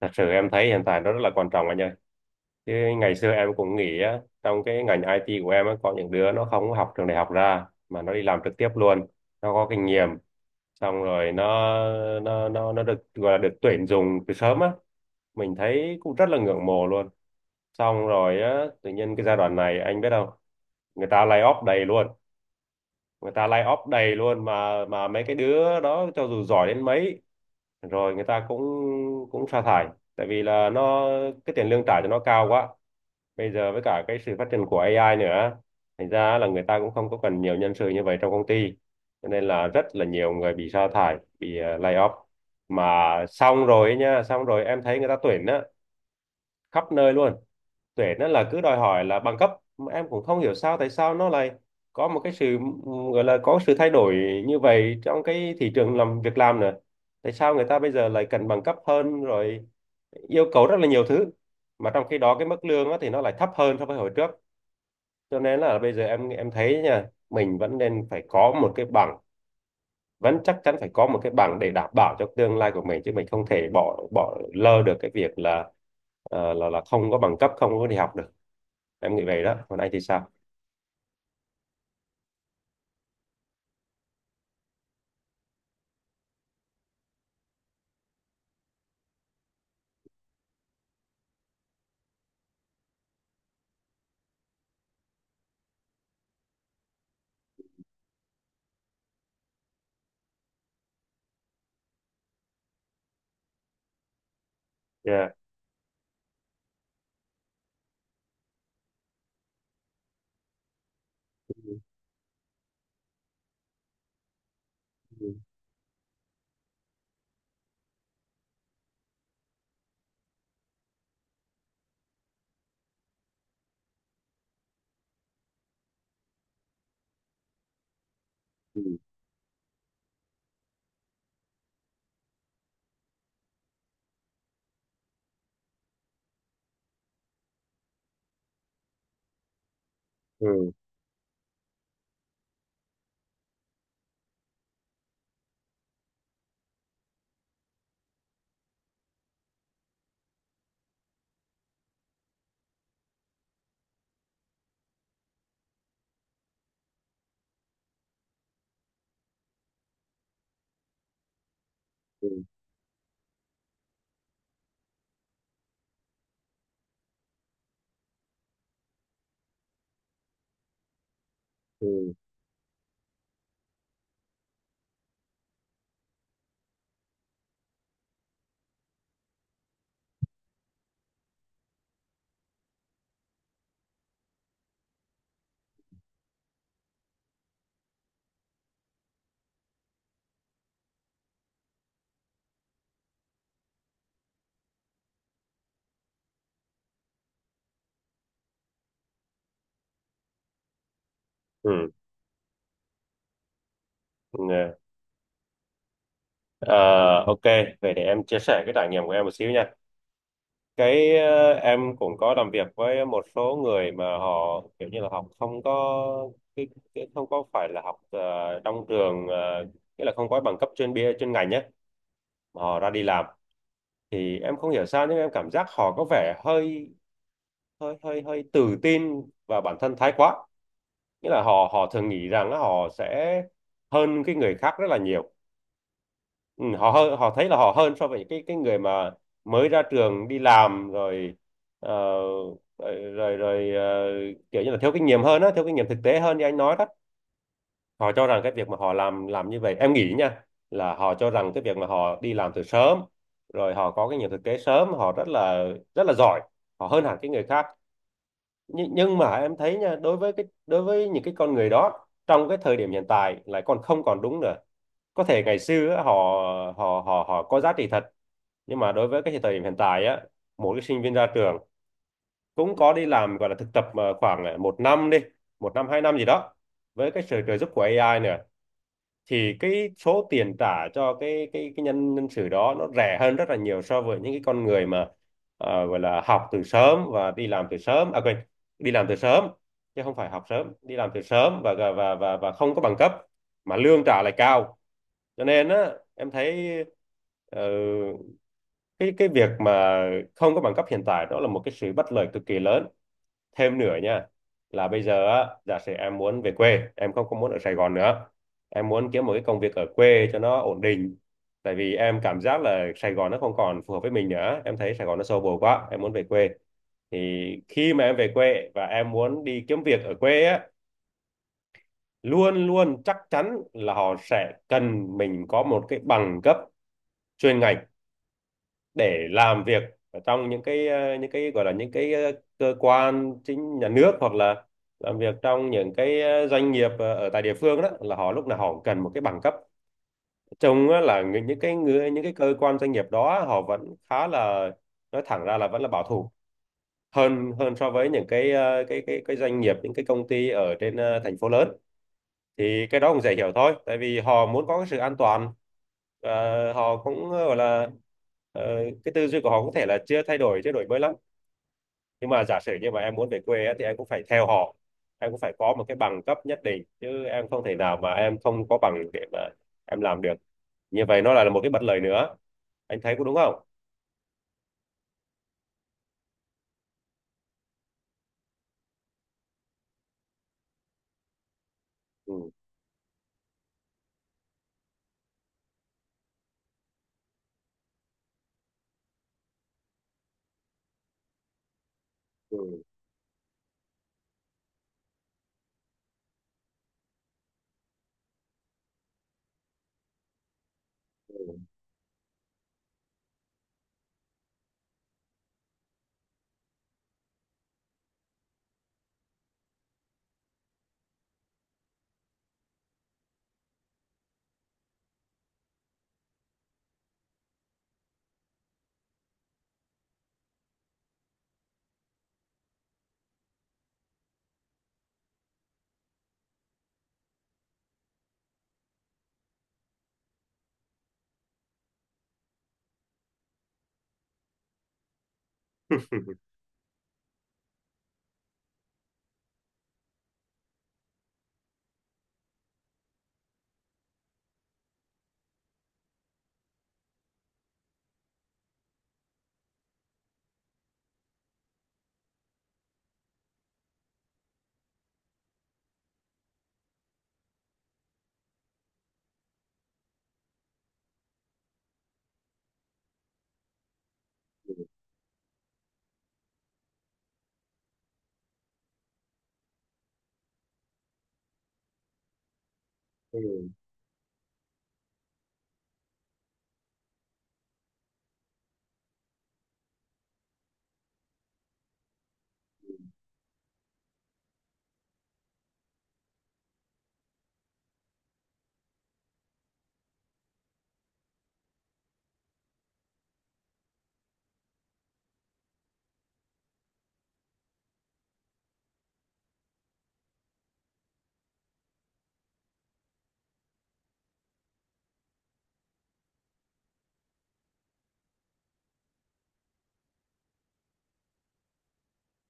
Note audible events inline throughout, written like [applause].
Thật sự em thấy hiện tại nó rất là quan trọng anh ơi. Chứ ngày xưa em cũng nghĩ á, trong cái ngành IT của em á, có những đứa nó không học trường đại học ra mà nó đi làm trực tiếp luôn. Nó có kinh nghiệm, xong rồi nó được gọi là được tuyển dụng từ sớm á. Mình thấy cũng rất là ngưỡng mộ luôn. Xong rồi á, tự nhiên cái giai đoạn này anh biết không? Người ta lay off đầy luôn. Người ta lay off đầy luôn mà mấy cái đứa đó cho dù giỏi đến mấy rồi người ta cũng cũng sa thải, tại vì là nó cái tiền lương trả cho nó cao quá, bây giờ với cả cái sự phát triển của AI nữa, thành ra là người ta cũng không có cần nhiều nhân sự như vậy trong công ty, cho nên là rất là nhiều người bị sa thải, bị lay off, mà xong rồi ấy nha, xong rồi em thấy người ta tuyển á khắp nơi luôn, tuyển á là cứ đòi hỏi là bằng cấp. Mà em cũng không hiểu sao tại sao nó lại có một cái sự, gọi là có sự thay đổi như vậy trong cái thị trường làm việc làm nữa, tại sao người ta bây giờ lại cần bằng cấp hơn rồi yêu cầu rất là nhiều thứ, mà trong khi đó cái mức lương á, thì nó lại thấp hơn so với hồi trước. Cho nên là bây giờ em thấy nha, mình vẫn nên phải có một cái bằng, vẫn chắc chắn phải có một cái bằng để đảm bảo cho tương lai của mình, chứ mình không thể bỏ bỏ lơ được cái việc là là không có bằng cấp, không có đi học được. Em nghĩ vậy đó, còn anh thì sao? Yeah. Ừ. Ừ. Ừ. Ừ. Ừ. Ừ. Ừ. Ờ, ok, vậy để em chia sẻ cái trải nghiệm của em một xíu nha. Cái, em cũng có làm việc với một số người mà họ kiểu như là học không có cái, cái không có phải là học trong trường, nghĩa là không có bằng cấp chuyên ngành nhé, mà họ ra đi làm. Thì em không hiểu sao nhưng em cảm giác họ có vẻ hơi hơi hơi hơi tự tin vào bản thân thái quá, nghĩa là họ họ thường nghĩ rằng là họ sẽ hơn cái người khác rất là nhiều. Ừ, họ hơn, họ thấy là họ hơn so với cái người mà mới ra trường đi làm rồi, ờ, rồi rồi, rồi ờ, kiểu như là thiếu kinh nghiệm hơn á, thiếu kinh nghiệm thực tế hơn như anh nói đó. Họ cho rằng cái việc mà họ làm như vậy, em nghĩ nha, là họ cho rằng cái việc mà họ đi làm từ sớm rồi họ có kinh nghiệm thực tế sớm, họ rất là giỏi, họ hơn hẳn cái người khác. Nhưng mà em thấy nha, đối với cái, đối với những cái con người đó trong cái thời điểm hiện tại lại còn không còn đúng nữa. Có thể ngày xưa á, họ họ họ họ có giá trị thật, nhưng mà đối với cái thời điểm hiện tại á, mỗi cái sinh viên ra trường cũng có đi làm gọi là thực tập mà khoảng một năm đi, một năm hai năm gì đó, với cái sự trợ giúp của AI nữa, thì cái số tiền trả cho cái nhân nhân sự đó nó rẻ hơn rất là nhiều so với những cái con người mà gọi là học từ sớm và đi làm từ sớm, à quên, đi làm từ sớm, chứ không phải học sớm, đi làm từ sớm và không có bằng cấp, mà lương trả lại cao. Cho nên á em thấy ờ, cái việc mà không có bằng cấp hiện tại đó là một cái sự bất lợi cực kỳ lớn. Thêm nữa nha, là bây giờ á giả sử em muốn về quê, em không có muốn ở Sài Gòn nữa, em muốn kiếm một cái công việc ở quê cho nó ổn định, tại vì em cảm giác là Sài Gòn nó không còn phù hợp với mình nữa, em thấy Sài Gòn nó xô bồ quá, em muốn về quê. Thì khi mà em về quê và em muốn đi kiếm việc ở quê á, luôn luôn chắc chắn là họ sẽ cần mình có một cái bằng cấp chuyên ngành để làm việc ở trong những cái, những cái gọi là những cái, cơ quan chính nhà nước, hoặc là làm việc trong những cái, doanh nghiệp ở tại địa phương đó, là họ lúc nào họ cũng cần một cái bằng cấp, trông á là những cái người, những cái cơ quan doanh nghiệp đó họ vẫn khá là, nói thẳng ra là vẫn là bảo thủ hơn hơn so với những cái cái doanh nghiệp, những cái công ty ở trên thành phố lớn. Thì cái đó cũng dễ hiểu thôi, tại vì họ muốn có cái sự an toàn, và họ cũng gọi là ờ, cái tư duy của họ có thể là chưa thay đổi, chưa đổi mới lắm. Nhưng mà giả sử như mà em muốn về quê á, thì em cũng phải theo họ, em cũng phải có một cái bằng cấp nhất định, chứ em không thể nào mà em không có bằng để mà em làm được, như vậy nó lại là một cái bất lợi nữa. Anh thấy có đúng không? Ừ. Ừ. [laughs] Ừ.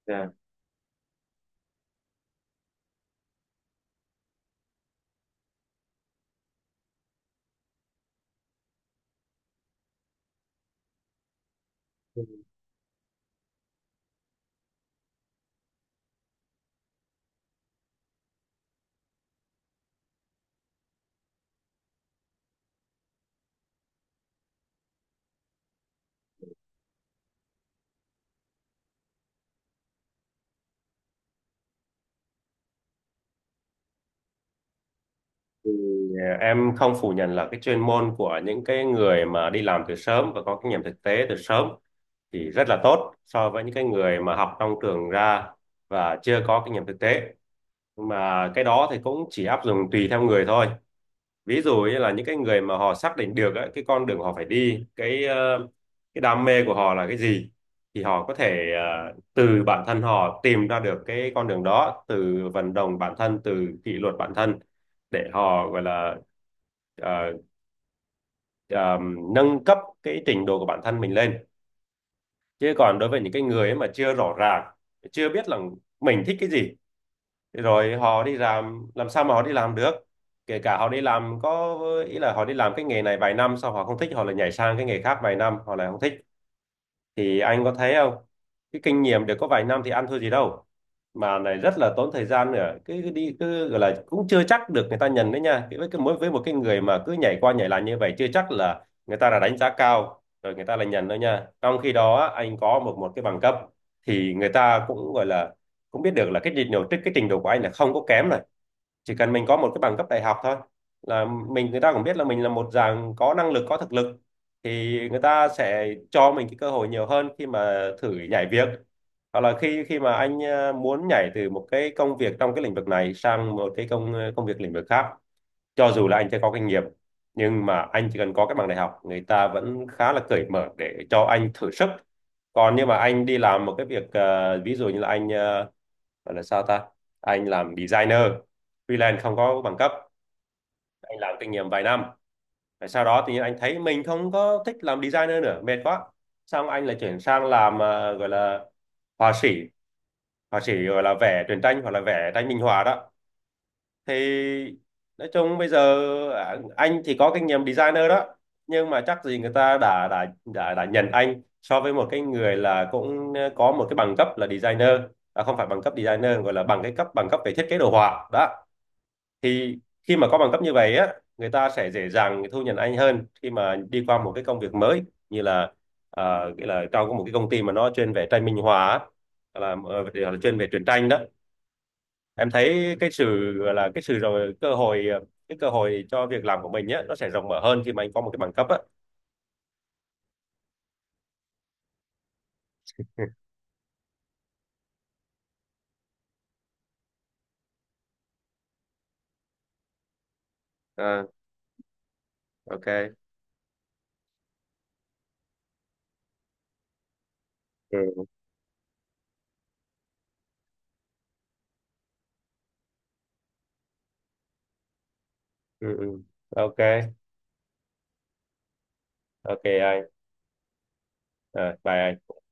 Dạ. Ừ. Thì à, em không phủ nhận là cái chuyên môn của những cái người mà đi làm từ sớm và có kinh nghiệm thực tế từ sớm thì rất là tốt so với những cái người mà học trong trường ra và chưa có kinh nghiệm thực tế. Nhưng mà cái đó thì cũng chỉ áp dụng tùy theo người thôi. Ví dụ như là những cái người mà họ xác định được á, cái con đường họ phải đi, cái cái đam mê của họ là cái gì, thì họ có thể từ bản thân họ tìm ra được cái con đường đó, từ vận động bản thân, từ kỷ luật bản thân, để họ gọi là ờ, ờ, nâng cấp cái trình độ của bản thân mình lên. Chứ còn đối với những cái người ấy mà chưa rõ ràng, chưa biết là mình thích cái gì, thế rồi họ đi làm sao mà họ đi làm được? Kể cả họ đi làm có ý là họ đi làm cái nghề này vài năm sau họ không thích, họ lại nhảy sang cái nghề khác vài năm họ lại không thích, thì anh có thấy không, cái kinh nghiệm được có vài năm thì ăn thua gì đâu, mà này rất là tốn thời gian nữa, cứ cứ đi cứ gọi là cũng chưa chắc được người ta nhận đấy nha. Cái với cái mỗi với một cái người mà cứ nhảy qua nhảy lại như vậy chưa chắc là người ta là đánh giá cao rồi người ta là nhận đâu nha. Trong khi đó á, anh có một một cái bằng cấp, thì người ta cũng gọi là cũng biết được là cái trình độ, cái trình độ của anh là không có kém này. Chỉ cần mình có một cái bằng cấp đại học thôi, là mình, người ta cũng biết là mình là một dạng có năng lực, có thực lực, thì người ta sẽ cho mình cái cơ hội nhiều hơn khi mà thử nhảy việc, hoặc là khi khi mà anh muốn nhảy từ một cái công việc trong cái lĩnh vực này sang một cái công việc lĩnh vực khác, cho dù là anh chưa có kinh nghiệm nhưng mà anh chỉ cần có cái bằng đại học người ta vẫn khá là cởi mở để cho anh thử sức. Còn nhưng mà anh đi làm một cái việc, ví dụ như là anh, gọi là sao ta, anh làm designer freelance không có bằng cấp, anh làm kinh nghiệm vài năm, rồi sau đó tự nhiên anh thấy mình không có thích làm designer nữa, mệt quá, xong anh lại chuyển sang làm, à, gọi là họa sĩ, họa sĩ gọi là vẽ truyện tranh hoặc là vẽ tranh minh họa đó. Thì nói chung bây giờ, à, anh thì có kinh nghiệm designer đó, nhưng mà chắc gì người ta đã nhận anh so với một cái người là cũng có một cái bằng cấp là designer. À, không phải bằng cấp designer, gọi là bằng cấp về thiết kế đồ họa đó. Thì khi mà có bằng cấp như vậy á người ta sẽ dễ dàng thu nhận anh hơn khi mà đi qua một cái công việc mới, như là, à, nghĩa là trong một cái công ty mà nó chuyên về tranh minh họa á, là chuyên về truyện tranh đó. Em thấy cái sự gọi là cái sự rồi cơ hội, cái cơ hội cho việc làm của mình nhé, nó sẽ rộng mở hơn khi mà anh có một cái bằng cấp á. [laughs] Ờ, ok. Ừ. Ừ. Ừ. Ok. Ok anh. Ờ, bye anh.